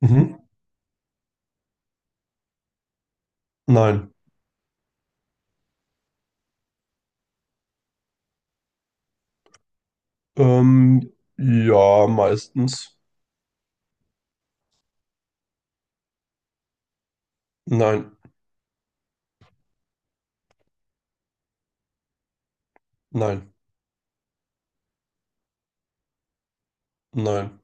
Mhm. Nein. Ähm, ja, meistens. Nein, nein, nein,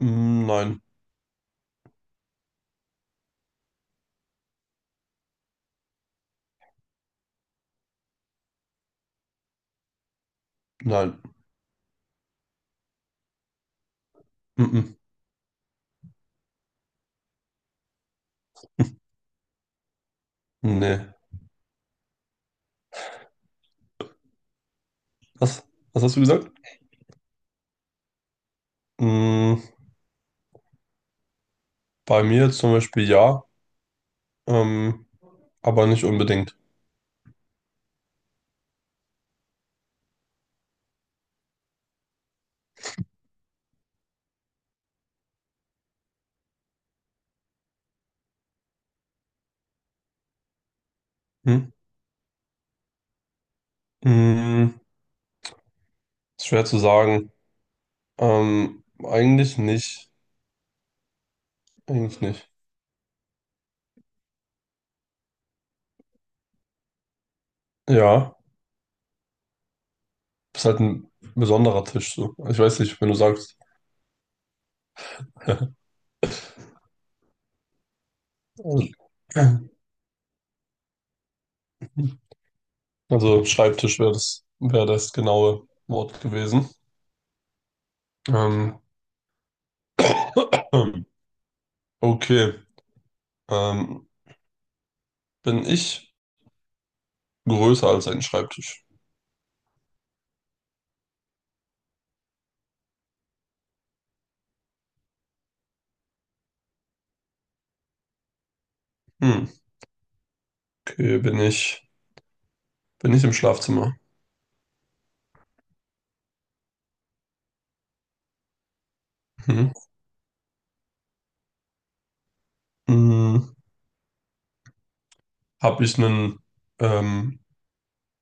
Nein, nein, mhm. Nee. Was, was hast du gesagt? Mm, bei mir zum Beispiel ja, ähm, aber nicht unbedingt. Hm? Mm, ist schwer zu sagen. Eigentlich nicht. Eigentlich nicht. Ja, ist halt ein besonderer Tisch so. Ich weiß nicht, wenn du sagst. Also, also Schreibtisch wäre das genaue Wort gewesen. Ähm, okay. Ähm, Bin ich größer als ein Schreibtisch? Hm. Okay, bin ich im Schlafzimmer? Hm. Hm. Habe ich ähm,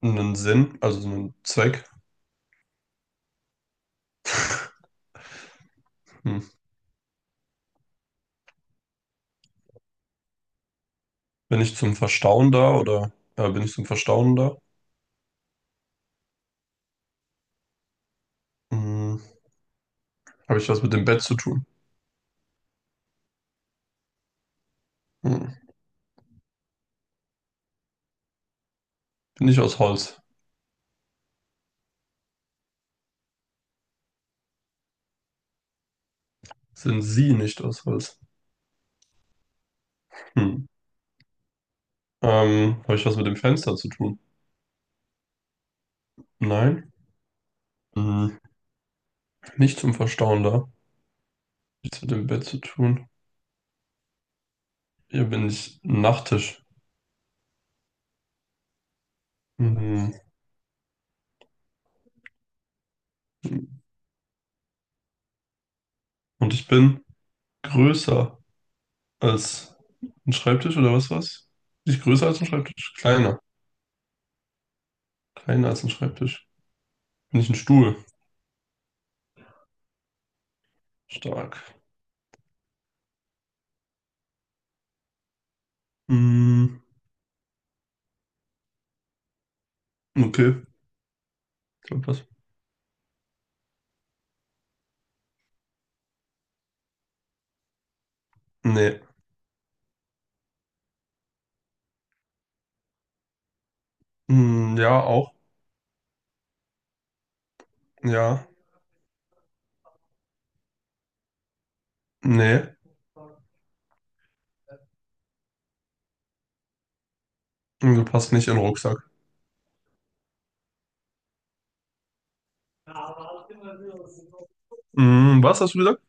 einen Sinn, also einen Zweck? Hm. Bin ich zum Verstauen da oder Bin ich zum Verstauen da? Hm. Habe ich was mit dem Bett zu tun? Hm. Bin ich aus Holz? Sind Sie nicht aus Holz? Hm. Habe ich was mit dem Fenster zu tun? Nein. Hm, nicht zum Verstauen da. Nichts mit dem Bett zu tun. Hier bin ich ein Nachttisch. Hm. Und ich bin größer als ein Schreibtisch oder was? Bin ich größer als ein Schreibtisch? Kleiner. Kleiner als ein Schreibtisch. Bin ich ein Stuhl? Stark. Hm, okay. Ich hab was. Nee. Hm, ja, auch. Ja. Nee. Du passt nicht in den Rucksack. Hm, was hast du gesagt?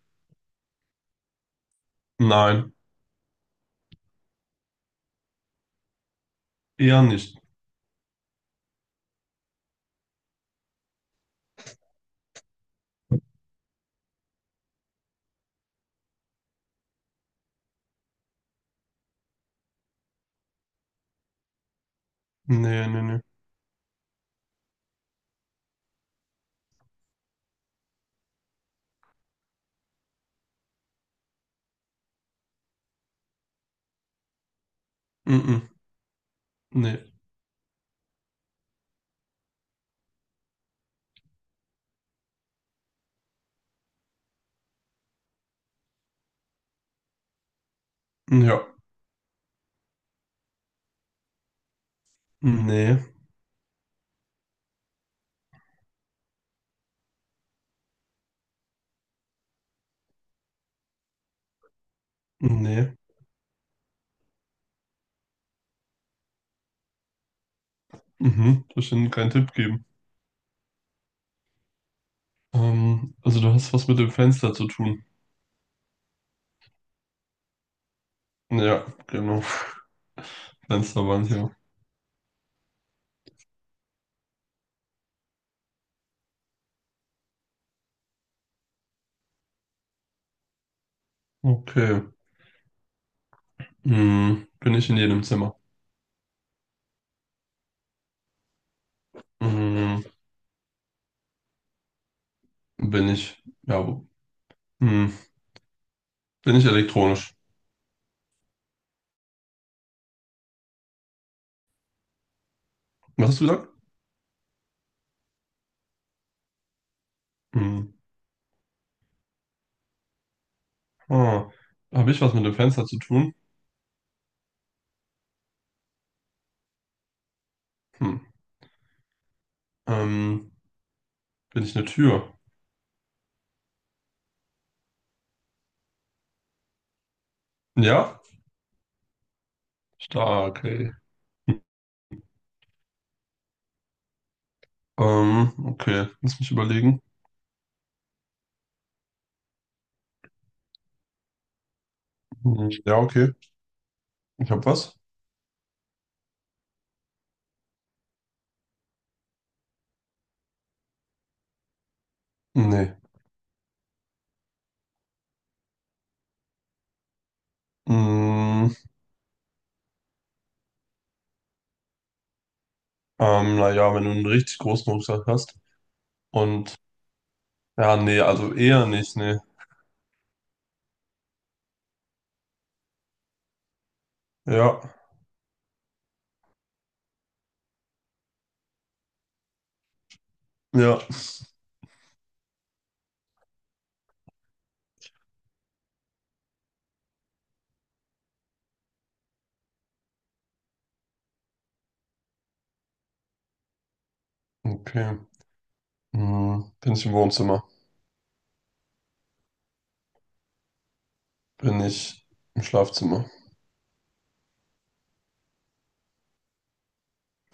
Nein. Eher nicht. Nee, nee, nee. Mhm. Ne. Ja. Ne. Ne. Mhm. Soll ich denn keinen Tipp geben? Also du hast was mit dem Fenster zu tun. Ja, genau. Fensterwand, ja. Okay. Hm. Bin ich in jedem Zimmer? Hm. Bin ich. Ja, wo- Hm. Bin ich elektronisch? Was hast du gesagt? Hm. Ah. Habe ich was mit dem Fenster zu tun? Hm. Ähm, Bin ich eine Tür? Ja? Stark, ey. Okay. Lass mich überlegen. Hm, ja, okay. Ich habe was. Nee. Mm, naja, wenn du einen richtig großen Rucksack hast. Und ja, nee, also eher nicht, nee. Ja, ja. Okay. Mm, bin ich im Wohnzimmer? Bin ich im Schlafzimmer?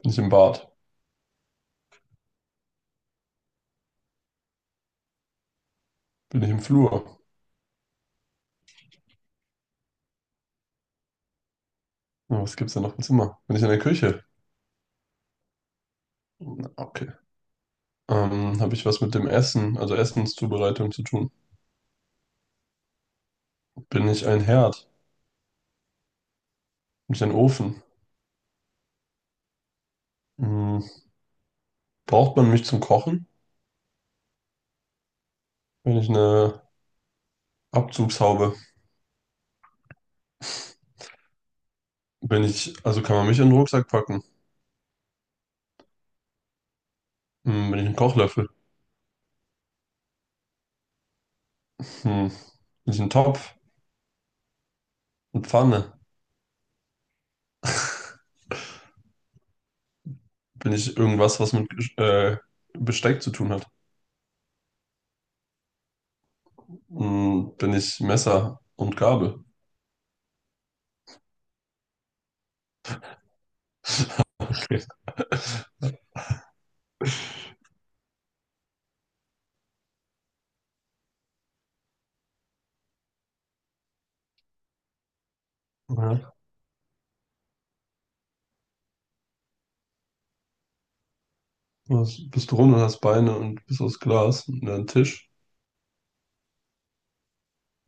Bin ich im Bad? Bin ich im Flur? Na, was gibt's denn noch im Zimmer? Bin ich in der Küche? Na, okay. Habe ich was mit dem Essen, also Essenszubereitung zu tun? Bin ich ein Herd? Bin ich ein Ofen? Mm, braucht man mich zum Kochen? Bin ich eine Abzugshaube? Wenn ich, also kann man mich in den Rucksack packen? Hm, bin ich ein Kochlöffel? Hm. Bin ich ein Topf? Eine Pfanne? Bin ich irgendwas, was Besteck zu tun hat? Hm, bin ich Messer und Gabel? Okay. Ja. Was, bist du rund und hast Beine und bist aus Glas und ein Tisch?